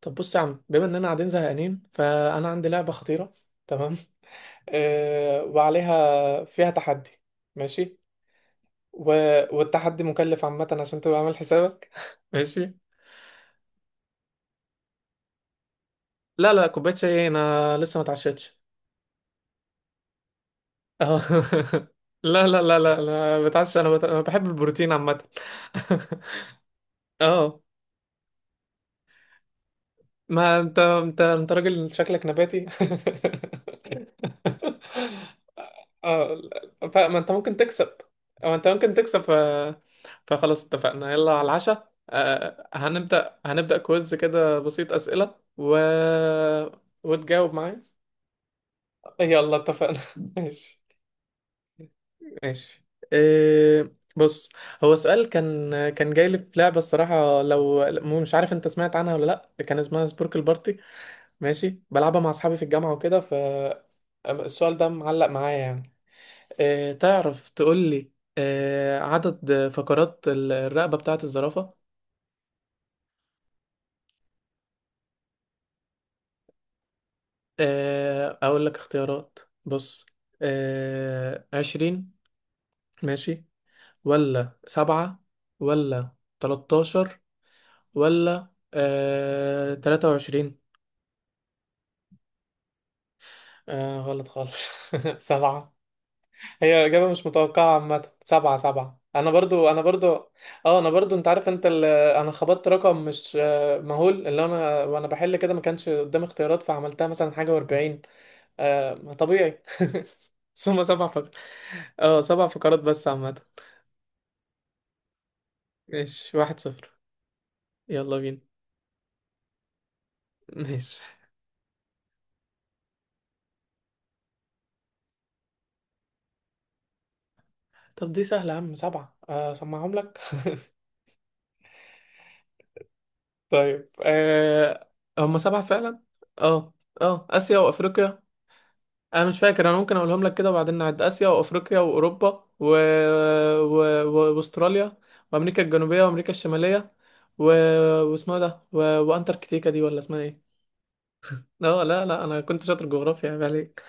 طب بص يا عم، بما اننا قاعدين زهقانين فانا عندي لعبه خطيره. تمام. وعليها فيها تحدي. ماشي. و... والتحدي مكلف عامه عشان تبقى عامل حسابك. ماشي. لا، لا، كوبايه شاي انا لسه ما اتعشيتش. اه. لا، لا، لا، لا، لا، بتعشى. أنا بحب البروتين عامه. اه. ما انت راجل شكلك نباتي. اه. لا. فما انت ممكن تكسب. او انت ممكن تكسب فخلاص اتفقنا، يلا على العشاء. هنبدأ كويز كده بسيط، أسئلة وتجاوب معايا. يلا اتفقنا. ماشي. ماشي. إيه، بص. هو سؤال كان جاي لي في لعبة الصراحة، لو مش عارف انت سمعت عنها ولا. لا، كان اسمها سبوركل بارتي. ماشي، بلعبها مع اصحابي في الجامعة وكده. السؤال ده معلق معايا يعني. تعرف تقول لي عدد فقرات الرقبة بتاعة الزرافة؟ أقول لك اختيارات. بص، 20، ماشي، ولا سبعة، ولا 13، ولا 23. غلط خالص. سبعة. هي إجابة مش متوقعة عامة، سبعة، سبعة. أنا برضو. أنا برضو. أنت عارف، أنا خبطت رقم مش مهول، اللي أنا وأنا بحل كده ما كانش قدامي اختيارات، فعملتها مثلا حاجة وأربعين. طبيعي. ثم سبع فقرات. سبع فقرات بس عامة. ماشي، 1-0، يلا بينا. ماشي. طب دي سهلة يا عم، سبعة. أسمعهم لك. طيب. هم سبعة فعلا. اه اه آسيا وأفريقيا. انا مش فاكر، انا ممكن اقولهم لك كده وبعدين نعد. اسيا وافريقيا واوروبا واستراليا وامريكا الجنوبيه وامريكا الشماليه، و... واسمها ده، وانتاركتيكا دي، ولا اسمها ايه؟ لا، لا، لا، انا كنت شاطر جغرافيا، عيب عليك.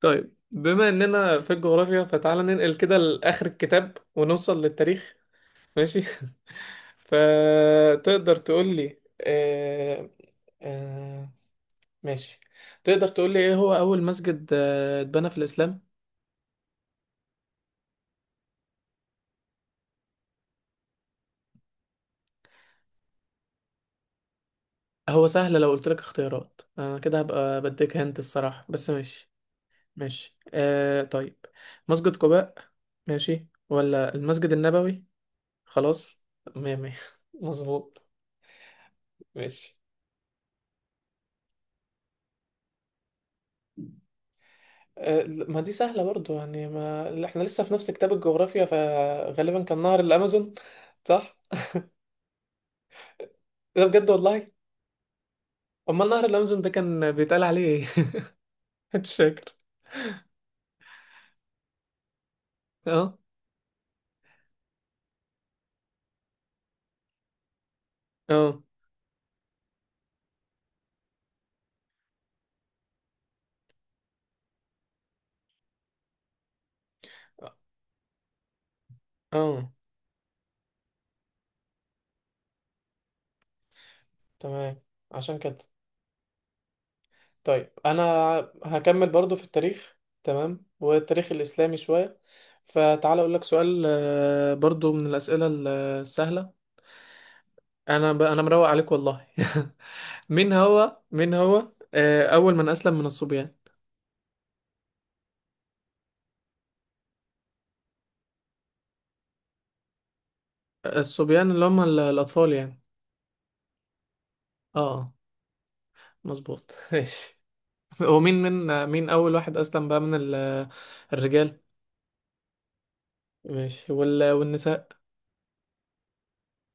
طيب، بما اننا في الجغرافيا فتعالى ننقل كده لاخر الكتاب ونوصل للتاريخ. ماشي. فتقدر تقول لي آه... آه... ماشي. تقدر تقول لي ايه هو اول مسجد اتبنى في الاسلام؟ هو سهل، لو قلت لك اختيارات انا كده هبقى بديك هنت الصراحة، بس ماشي. ماشي، طيب. مسجد قباء، ماشي، ولا المسجد النبوي؟ خلاص، مية مية. مظبوط. ماشي. ما دي سهلة برضو يعني، ما، لا، احنا لسه في نفس كتاب الجغرافيا، فغالبا كان نهر الأمازون. صح؟ ده بجد والله. أمال نهر الأمازون ده كان بيتقال عليه ايه؟ مش فاكر. اه، اه، اه، تمام، عشان كده. طيب انا هكمل برضو في التاريخ. تمام، والتاريخ الاسلامي شويه. فتعال اقول لك سؤال، برضو من الاسئله السهله. انا مروق عليك والله. مين هو اول من اسلم من الصبيان؟ الصبيان اللي هم الاطفال يعني. اه، مظبوط. ماشي. ومين من مين اول واحد اسلم بقى من الرجال؟ ماشي. والنساء؟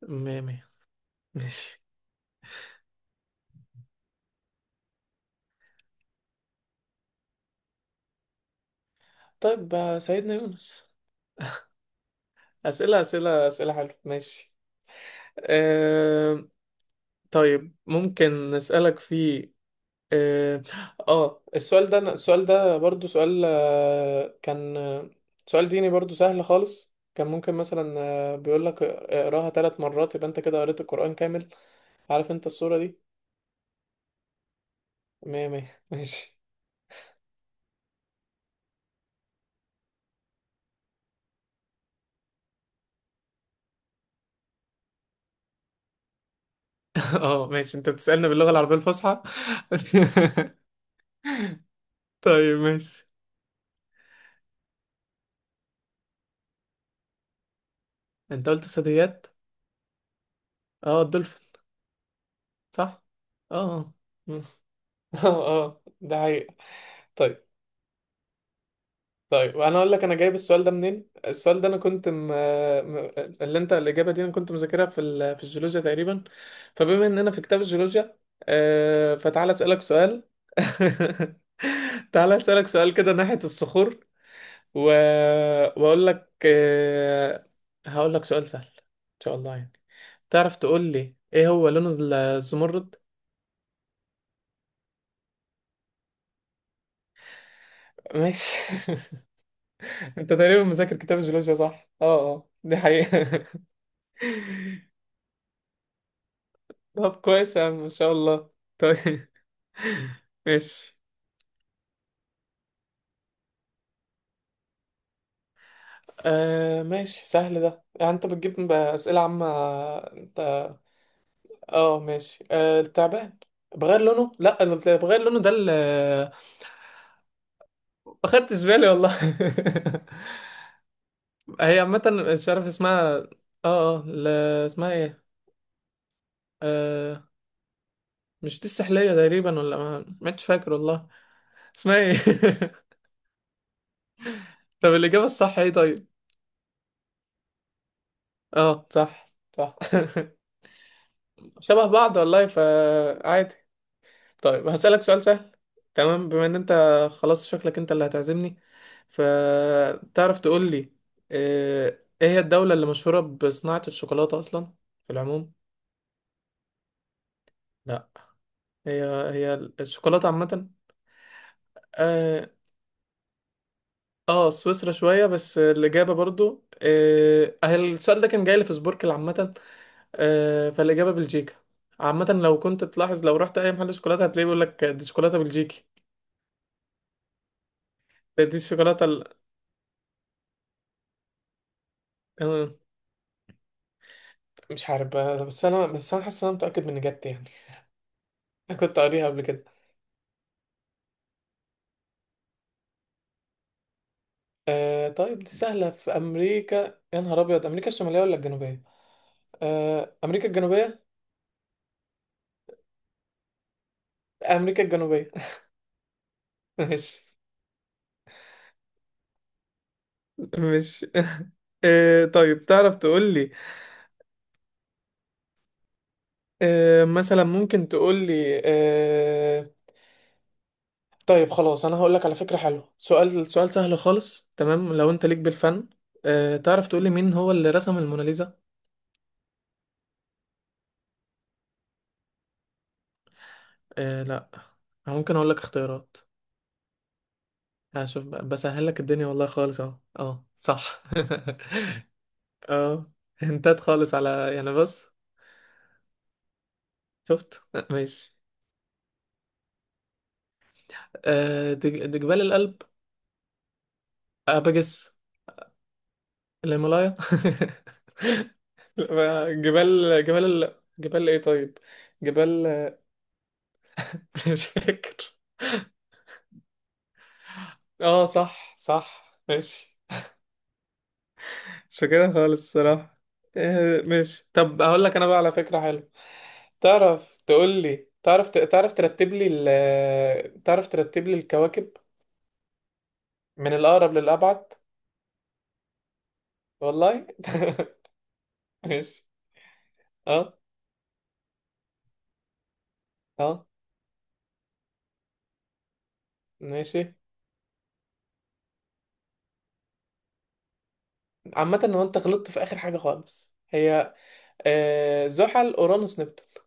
مية مية. ماشي. طيب، سيدنا يونس. أسئلة، أسئلة، أسئلة حلوة. ماشي. أه... طيب، ممكن نسألك في. اه. السؤال ده برضو سؤال، كان سؤال ديني برضو سهل خالص. كان ممكن مثلا بيقولك اقراها ثلاث مرات يبقى انت كده قريت القرآن كامل. عارف انت الصورة دي؟ مية مية. ماشي. اه، ماشي، انت بتسألنا باللغة العربية الفصحى. طيب ماشي. انت قلت ثدييات. اه، الدولفين. صح. اه. اه، اه، ده حقيقة. طيب. طيب، وانا اقول لك انا جايب السؤال ده منين. السؤال ده انا كنت م... اللي انت الاجابه دي انا كنت مذاكرها في الجيولوجيا تقريبا. فبما اننا في كتاب الجيولوجيا، فتعالى اسالك سؤال. تعالى اسالك سؤال كده ناحيه الصخور، و... واقول لك آه... هقول لك سؤال سهل ان شاء الله يعني. تعرف تقول لي ايه هو لون الزمرد؟ ماشي. انت تقريبا مذاكر كتاب الجيولوجيا، صح، اه، اه، دي حقيقة. طب كويس يا عم، ما شاء الله. طيب. ماشي. ماشي، سهل ده يعني، انت بتجيب اسئله عامه. انت. اه، ماشي، التعبان بغير لونه. لا، اللي بغير لونه ده اللي، ما خدتش بالي والله. هي عامه، مش عارف اسمها، اه، اه، اسمها ايه؟ آه مش دي السحليه تقريبا، ولا ما، مش فاكر والله. اسمها ايه؟ طب الاجابه الصح ايه؟ طيب. اه، صح، صح. شبه بعض والله، فعادي. طيب هسألك سؤال سهل، تمام. بما ان انت خلاص شكلك انت اللي هتعزمني، فتعرف تقول لي ايه هي الدولة اللي مشهورة بصناعة الشوكولاتة اصلا في العموم؟ لا. هي هي الشوكولاتة عامة. اه، سويسرا شوية، بس الإجابة برضو، السؤال ده كان جاي لي في سبوركل عامة. فالإجابة بلجيكا. عامة لو كنت تلاحظ لو رحت أي محل شوكولاتة هتلاقيه بيقول لك دي شوكولاتة بلجيكي. دي الشوكولاتة. انا مش عارف بقى، بس انا حاسس ان انا متاكد من اجابتي يعني. انا كنت قاريها قبل كده. طيب دي سهله، في امريكا، يا نهار ابيض، امريكا الشماليه ولا الجنوبيه؟ امريكا الجنوبيه. امريكا الجنوبيه. مش، مش. طيب، تعرف تقول لي آه مثلا ممكن تقول لي طيب خلاص انا هقول لك على فكره حلوه. سؤال، سؤال سهل خالص، تمام، لو انت ليك بالفن. تعرف تقول لي مين هو اللي رسم الموناليزا؟ لا، ممكن اقول لك اختيارات. هشوف بسهل لك الدنيا والله خالص، اهو، اه، صح. اه. هنتات خالص على يعني، بص. شفت. ماشي. ده جبال الألب. بجس الهيمالايا. لا، جبال جبال ايه طيب؟ جبال. مش فاكر. اه، صح، صح، ماشي. مش فاكرها خالص الصراحة. ماشي. طب هقول لك انا بقى على فكرة حلوة. تعرف ترتب لي الكواكب من الأقرب للأبعد. والله. ماشي. اه، اه، ماشي. عامة هو انت غلطت في آخر حاجة خالص، هي زحل أورانوس نبتون.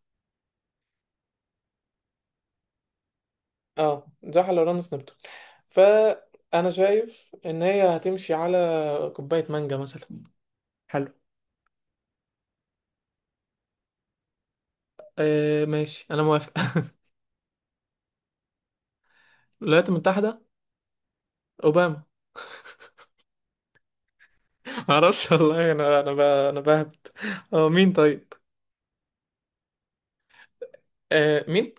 اه، زحل أورانوس نبتون. فأنا شايف إن هي هتمشي على كوباية مانجا مثلا. حلو. ماشي، أنا موافق. الولايات المتحدة، أوباما. معرفش والله. أنا بهبت. هو مين طيب؟ مين؟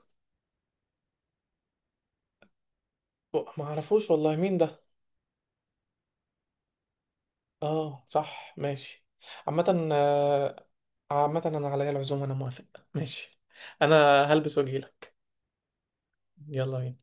ما أعرفوش والله مين ده. اه، صح، ماشي. عامة، عامة انا عليا العزومة، انا موافق. ماشي. انا هلبس واجيلك. يلا بينا.